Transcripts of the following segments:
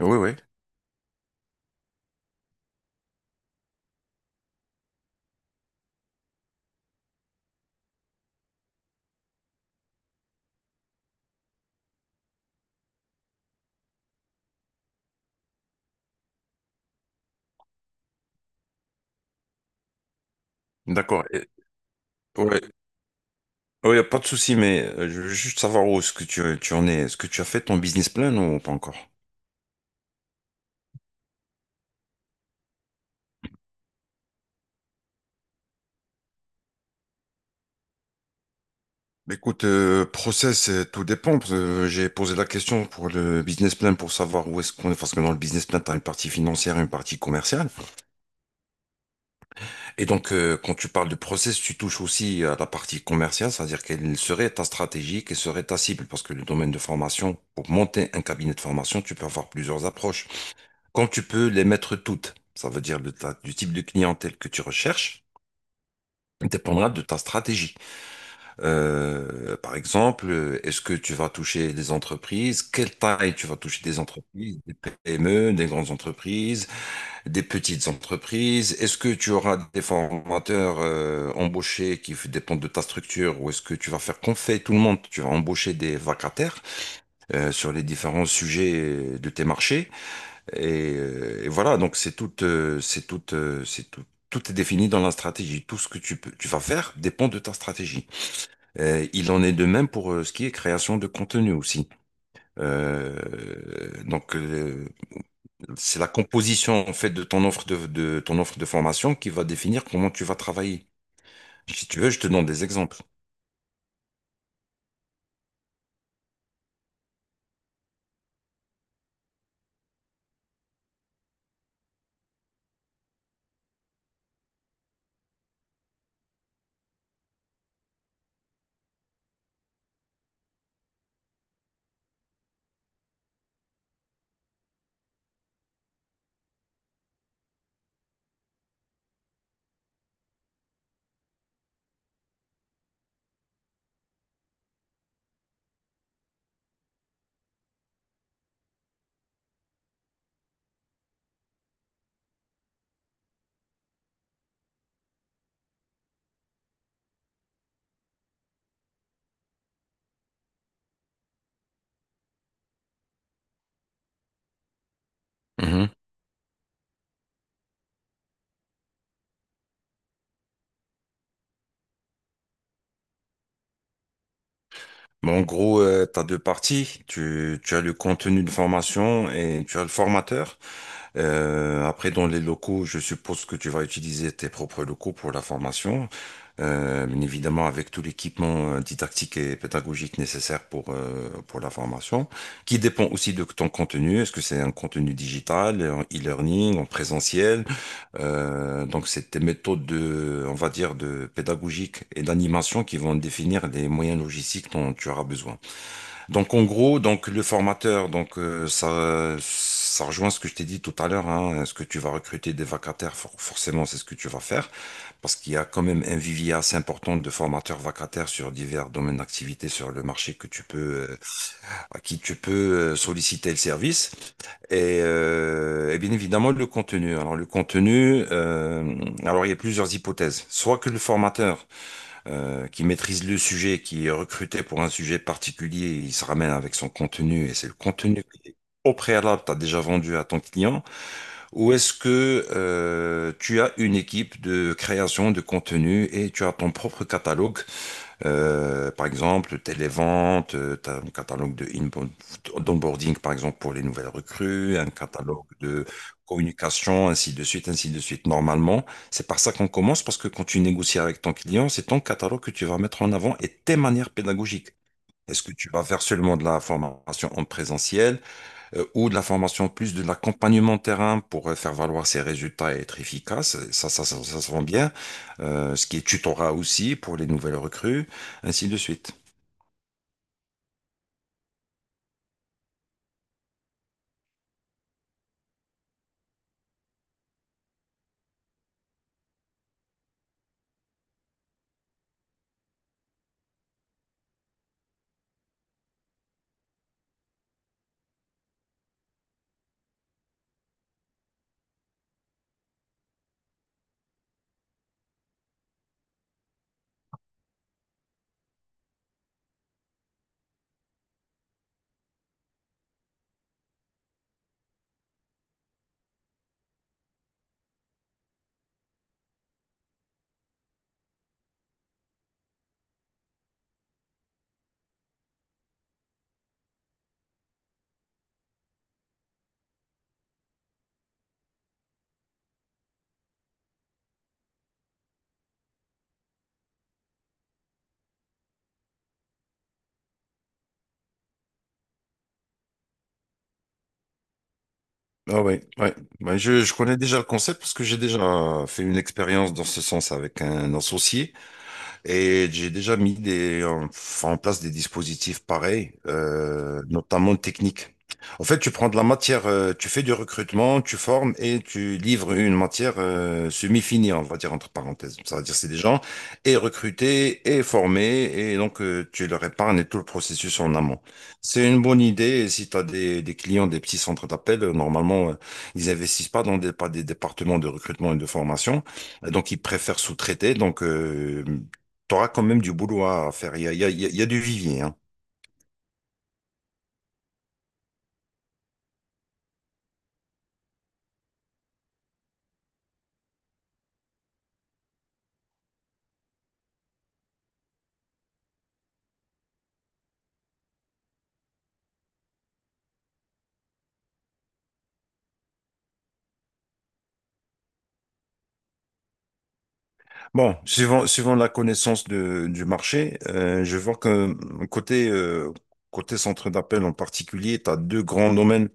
Oui, oui, d'accord. Et- ouais, ouais, y a pas de souci, mais je veux juste savoir où est-ce que tu en es. Est-ce que tu as fait ton business plan ou pas encore? Écoute, process, tout dépend. Parce que j'ai posé la question pour le business plan pour savoir où est-ce qu'on est. Parce que dans le business plan, tu as une partie financière et une partie commerciale. Et donc, quand tu parles de process, tu touches aussi à la partie commerciale, c'est-à-dire quelle serait ta stratégie, quelle serait ta cible. Parce que le domaine de formation, pour monter un cabinet de formation, tu peux avoir plusieurs approches. Quand tu peux les mettre toutes, ça veut dire du type de clientèle que tu recherches dépendra de ta stratégie. Par exemple, est-ce que tu vas toucher des entreprises? Quelle taille tu vas toucher des entreprises? Des PME, des grandes entreprises, des petites entreprises? Est-ce que tu auras des formateurs embauchés dépendent de ta structure ou est-ce que tu vas faire qu'on fait tout le monde? Tu vas embaucher des vacataires sur les différents sujets de tes marchés. Et voilà, donc tout est défini dans la stratégie. Tout ce que tu peux, tu vas faire dépend de ta stratégie. Il en est de même pour ce qui est création de contenu aussi. Euh, donc euh, c'est la composition en fait de ton offre de formation qui va définir comment tu vas travailler. Si tu veux, je te donne des exemples. Mais en gros, tu as deux parties. Tu as le contenu de formation et tu as le formateur. Après, dans les locaux, je suppose que tu vas utiliser tes propres locaux pour la formation. Bien évidemment, avec tout l'équipement didactique et pédagogique nécessaire pour la formation, qui dépend aussi de ton contenu. Est-ce que c'est un contenu digital, en e-learning, en présentiel? Donc, c'est des méthodes on va dire, de pédagogique et d'animation qui vont définir les moyens logistiques dont tu auras besoin. Donc, en gros, donc le formateur, ça, ça rejoint ce que je t'ai dit tout à l'heure, hein, ce que tu vas recruter des vacataires, forcément, c'est ce que tu vas faire parce qu'il y a quand même un vivier assez important de formateurs vacataires sur divers domaines d'activité sur le marché que tu peux solliciter le service et bien évidemment le contenu. Alors le contenu, alors il y a plusieurs hypothèses. Soit que le formateur qui maîtrise le sujet, qui est recruté pour un sujet particulier, il se ramène avec son contenu et c'est le contenu que, au préalable, tu as déjà vendu à ton client, ou est-ce que tu as une équipe de création de contenu et tu as ton propre catalogue par exemple, telle ventes, tu as un catalogue de d'onboarding, par exemple, pour les nouvelles recrues, un catalogue de communication, ainsi de suite, ainsi de suite. Normalement, c'est par ça qu'on commence, parce que quand tu négocies avec ton client, c'est ton catalogue que tu vas mettre en avant et tes manières pédagogiques. Est-ce que tu vas faire seulement de la formation en présentiel? Ou de la formation, plus de l'accompagnement terrain pour faire valoir ses résultats et être efficace. Ça se vend bien. Ce qui est tutorat aussi pour les nouvelles recrues, ainsi de suite. Ah oui, ouais. Ouais, je connais déjà le concept parce que j'ai déjà fait une expérience dans ce sens avec un associé. Et j'ai déjà mis en place des dispositifs pareils, notamment techniques. En fait, tu prends de la matière, tu fais du recrutement, tu formes et tu livres une matière semi-finie, on va dire entre parenthèses. Ça veut dire c'est des gens et recrutés et formés et tu leur épargnes tout le processus en amont. C'est une bonne idée et si tu as des clients des petits centres d'appel, normalement ils investissent pas pas des départements de recrutement et de formation. Donc ils préfèrent sous-traiter. T'auras quand même du boulot à faire. Il y a, il y a- il y a- il y a du vivier, hein. Bon, suivant la connaissance du marché, je vois que côté, euh, côté centre d'appel en particulier, tu as deux grands domaines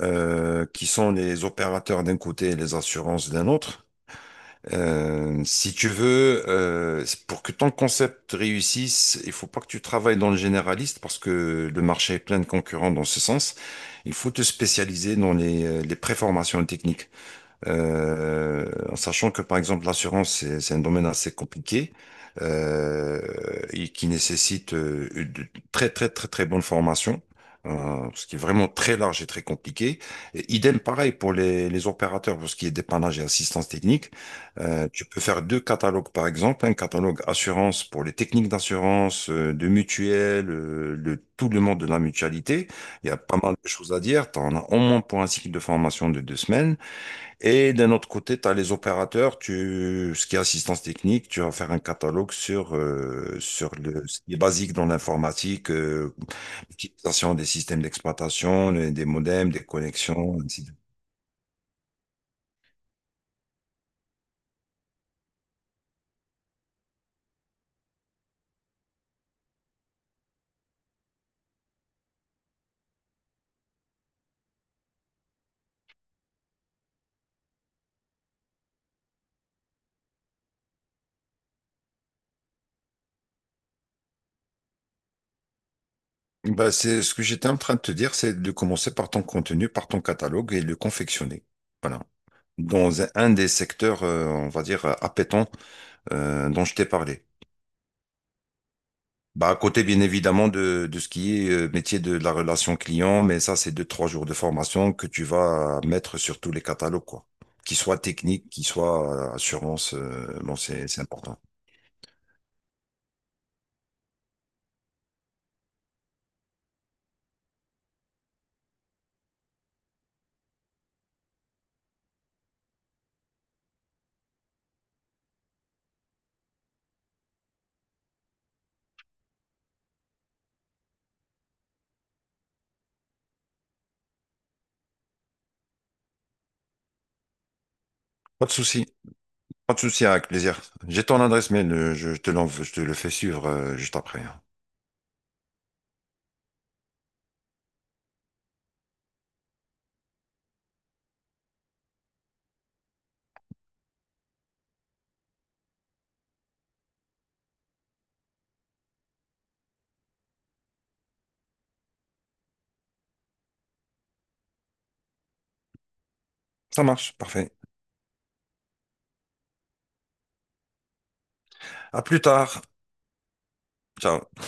qui sont les opérateurs d'un côté et les assurances d'un autre. Si tu veux, pour que ton concept réussisse, il faut pas que tu travailles dans le généraliste parce que le marché est plein de concurrents dans ce sens. Il faut te spécialiser dans les préformations techniques. Euh, En sachant que par exemple l'assurance c'est un domaine assez compliqué euh, et qui nécessite une très très très très bonne formation, ce qui est vraiment très large et très compliqué. Et idem pareil pour les opérateurs pour ce qui est dépannage et assistance technique. Tu peux faire deux catalogues par exemple, un catalogue assurance pour les techniques d'assurance, de mutuelle, le tout le monde de la mutualité. Il y a pas mal de choses à dire. Tu en as au moins pour un cycle de formation de deux semaines. Et d'un autre côté, tu as les opérateurs, tu, ce qui est assistance technique, tu vas faire un catalogue sur ce qui est basique dans l'informatique, l'utilisation des systèmes d'exploitation, des modems, des connexions, ainsi de suite. Bah, c'est ce que j'étais en train de te dire, c'est de commencer par ton contenu, par ton catalogue et le confectionner. Voilà. Dans un des secteurs, on va dire, appétants, dont je t'ai parlé. Bah, à côté, bien évidemment, de ce qui est métier de la relation client, mais ça, c'est deux, trois jours de formation que tu vas mettre sur tous les catalogues, quoi. Qu'ils soient techniques, qu'ils soient assurance, bon, c'est important. Pas de souci. Pas de souci, avec plaisir. J'ai ton adresse mail, je te l'envoie, je te le fais suivre juste après, hein. Ça marche, parfait. À plus tard. Ciao.